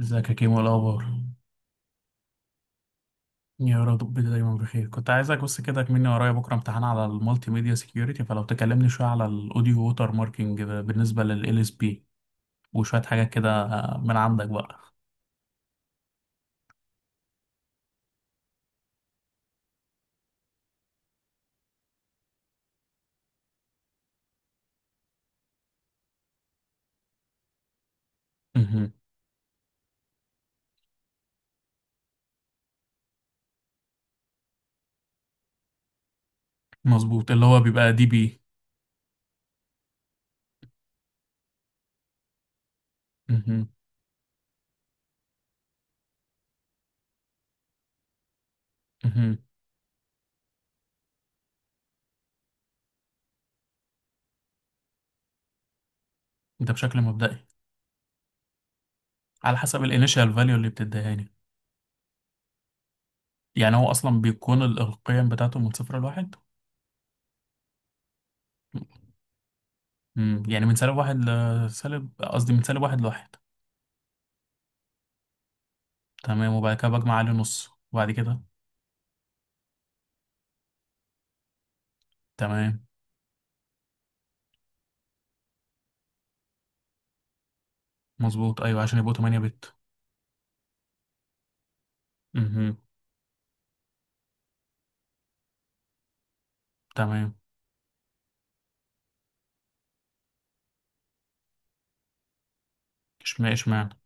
ازيك يا كيمو؟ إيه الاخبار؟ يا رب دايما بخير. كنت عايزك بس كده، كمني ورايا بكره امتحان على المالتي ميديا سيكيورتي، فلو تكلمني شويه على الاوديو ووتر ماركينج ده بالنسبه لل اس بي وشويه حاجات كده من عندك بقى. مهم. مظبوط، اللي هو بيبقى دي بي. مهم. مهم. ده بشكل مبدئي، على حسب الانيشال فاليو اللي بتديهاني. يعني هو اصلا بيكون القيم بتاعته من صفر لواحد. مم. يعني من سالب واحد لسالب، قصدي من سالب واحد لواحد. تمام، وبعد كده بجمع عليه نص، وبعد كده تمام. مظبوط، ايوه، عشان يبقوا 8 بت. امم. تمام. اشمعنى اشمعنى؟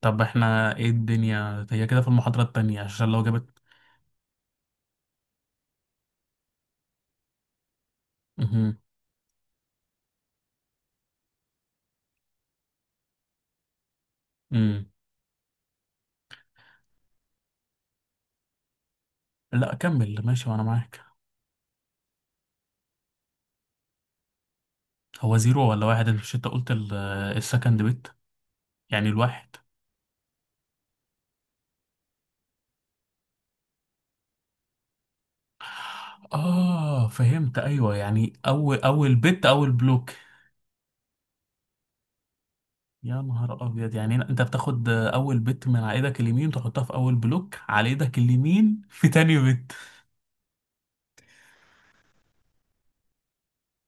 طب احنا ايه الدنيا هي كده في المحاضرة التانية عشان لو جابت. امم. امم. لا كمل ماشي وانا معاك. هو زيرو ولا واحد؟ انت مش انت قلت السكند بت؟ يعني الواحد. اه فهمت، ايوه، يعني اول اول بت، اول بلوك. يا نهار ابيض، يعني انت بتاخد اول بت من على ايدك اليمين تحطها في اول بلوك على ايدك اليمين، في تاني بت.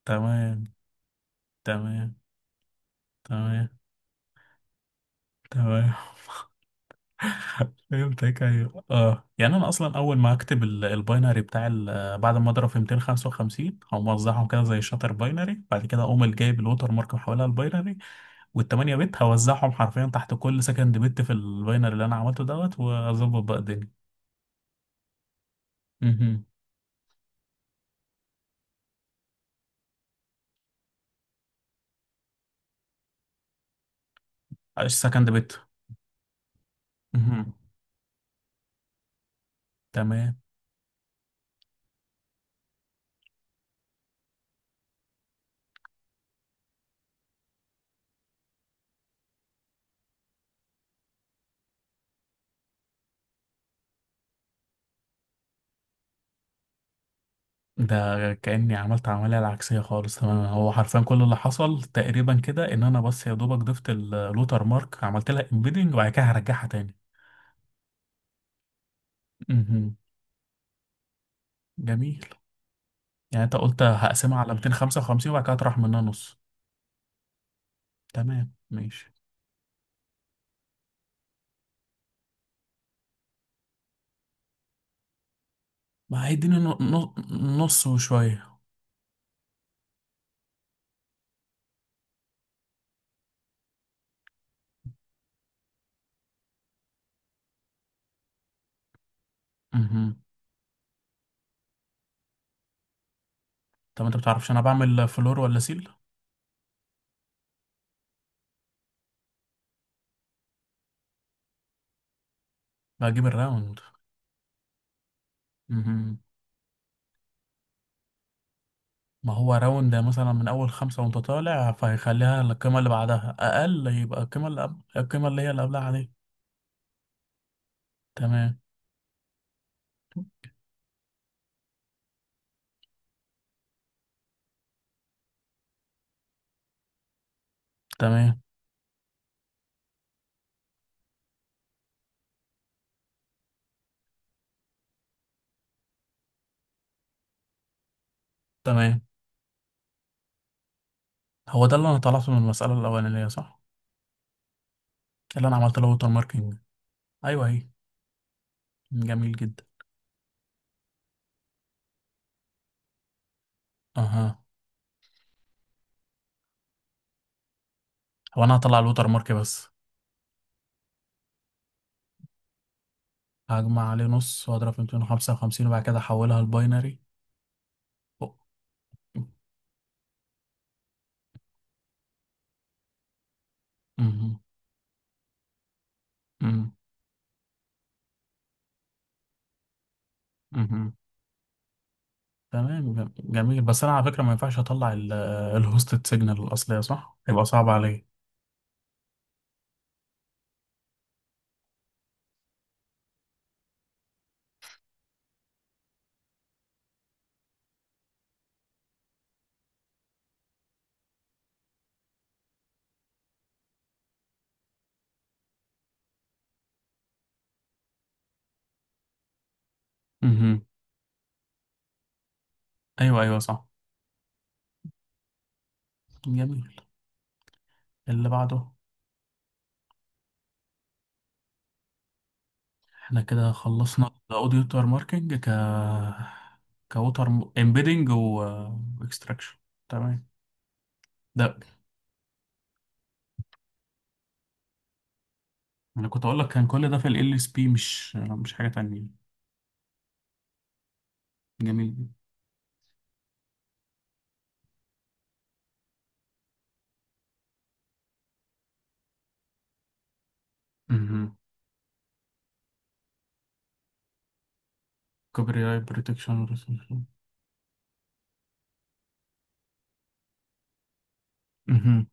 تمام. تمام. تمام. تمام. فهمتك، ايوه، اه، يعني انا اصلا اول ما اكتب الباينري بتاع بعد ما اضرب في 255، او موزعهم كده زي الشاتر باينري، بعد كده اقوم جايب الوتر مارك محولها الباينري، وال8 بت هوزعهم حرفيا تحت كل سكند بت في الباينري اللي انا عملته دوت، واظبط بقى الدنيا. اها. السكند بت. اها. تمام. ده كأني عملت عملية العكسية خالص، تماما هو حرفيا كل اللي حصل تقريبا كده ان انا بس يا دوبك ضفت اللوتر مارك، عملت لها امبيدنج، وبعد كده هرجعها تاني. مهم. جميل. يعني انت قلت هقسمها على 255 وبعد كده هطرح منها نص. تمام، ماشي. ما هيديني نص وشوية. مهم. طب انت بتعرفش انا بعمل فلور ولا سيل؟ بجيب الراوند. مهم. ما هو راوند مثلا من اول خمسة وانت طالع فهيخليها القيمة اللي بعدها اقل، يبقى القيمة اللي قبل القيمة اللي هي اللي قبلها عليك. تمام. تمام. تمام. هو ده اللي انا طلعته من المسألة الأولانية، صح؟ اللي انا عملت له ووتر ماركينج. ايوه هي. جميل جدا. اها. هو انا هطلع الووتر مارك بس. هجمع عليه نص واضرب في 255 وبعد كده احولها لباينري. أو- مهم. مم. مهم. تمام، جميل. بس انا على فكرة ما ينفعش اطلع الهوستد سيجنال الأصلية، صح؟ هيبقى صعب عليا. مهم. ايوه، ايوه، صح. جميل. اللي بعده. احنا كده خلصنا الاوديو ووتر ماركينج ك. كوتر. امبيدنج واكستراكشن. تمام. ده انا كنت اقول لك كان كل ده في ال اس بي، مش حاجه تانية. جميل جدا. امم. كوبري رايت بروتكشن. امم.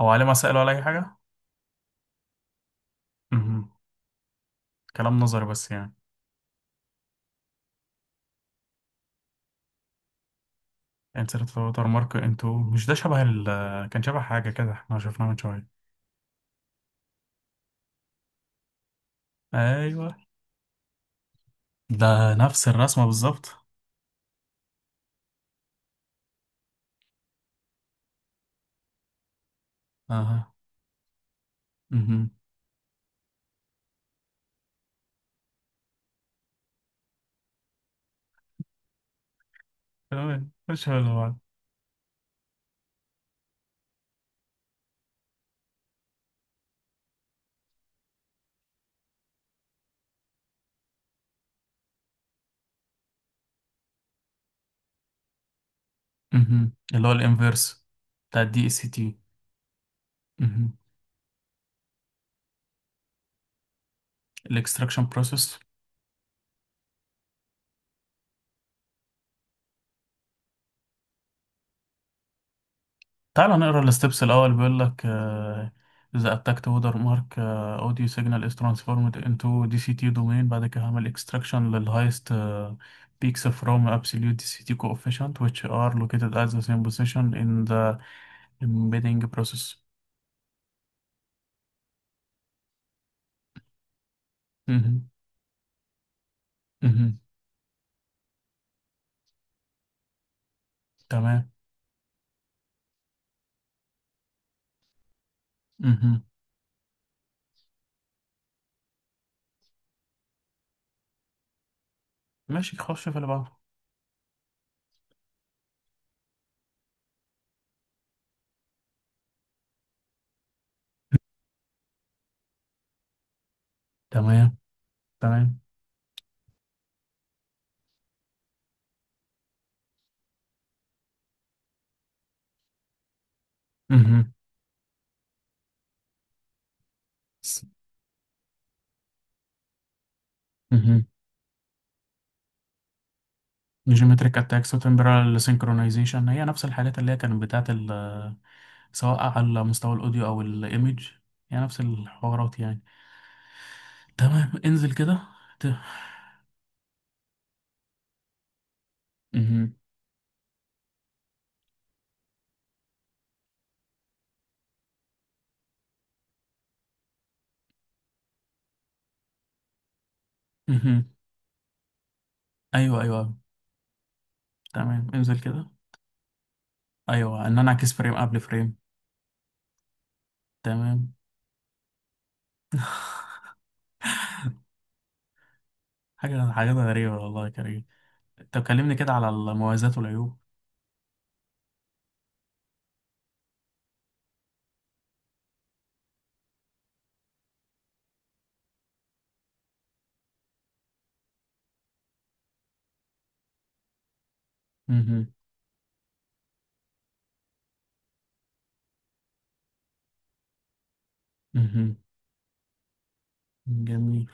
او عليه مسائل ولا اي حاجه؟ مهم. كلام نظري بس يعني. انسرت في ووتر مارك انتو، مش ده شبه ال آه، كان شبه حاجه كده احنا شفناه من شويه؟ ايوه. ده نفس الرسمه بالظبط. اها. مهم. تمام، مش حلو بعض. مهم. اللي هو الانفيرس بتاع الدي اس تي. الاكستراكشن بروسيس. تعال نقرا الستبس الاول، بيقول لك اذا اتاكت وودر مارك اوديو سيجنال از ترانسفورمد انتو دي سي تي دومين، بعد كده هعمل اكستراكشن للهايست بيكس from absolute دي سي تي coefficient which are located at the same position in the embedding process. مهم. مهم. تمام. مهم. ماشي، خش في اللي بعده. تمام. تمام. مهم. مهم. جيومتريك اتاكس وتمبرال سينكرونايزيشن هي نفس الحاجات اللي هي كانت بتاعت، سواء على مستوى الاوديو او الايمج، يعني نفس الحوارات يعني. تمام، انزل كده. ت... مهم. مهم. ايوه، ايوه، أيوة. تمام، انزل كده. ايوه، ان انا اعكس فريم قبل فريم. تمام. حاجه، حاجات غريبه والله يا كريم. طب كلمني كده على المميزات والعيوب. مهم. مهم. جميل.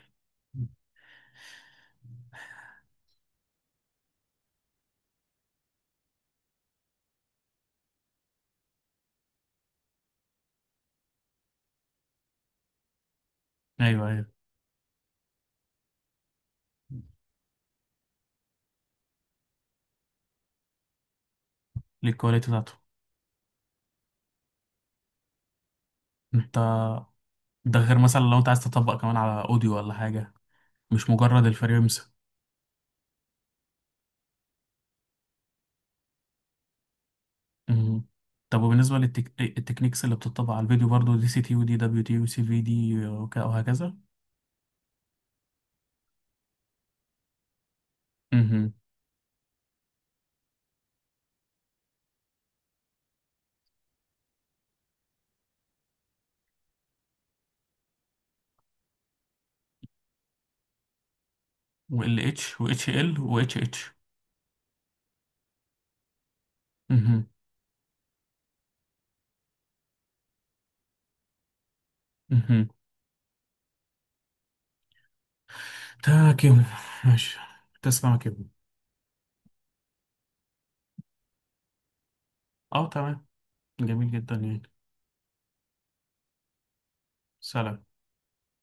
ايوه، ايوه. للكواليتي بتاعته. انت. ده غير مثلا لو انت عايز تطبق كمان على اوديو ولا حاجه، مش مجرد الفريمز. مم. طب وبالنسبة التكنيكس اللي بتطبق على الفيديو برضو دي سي تي ودي دبليو تي وسي في دي وهكذا. مهم. و ال اتش و اتش ال و اتش اتش. مهم. مهم. تمام يا كيمو. ماشي. تسمع يا كيمو؟ اه تمام. جميل جدا يعني. سلام.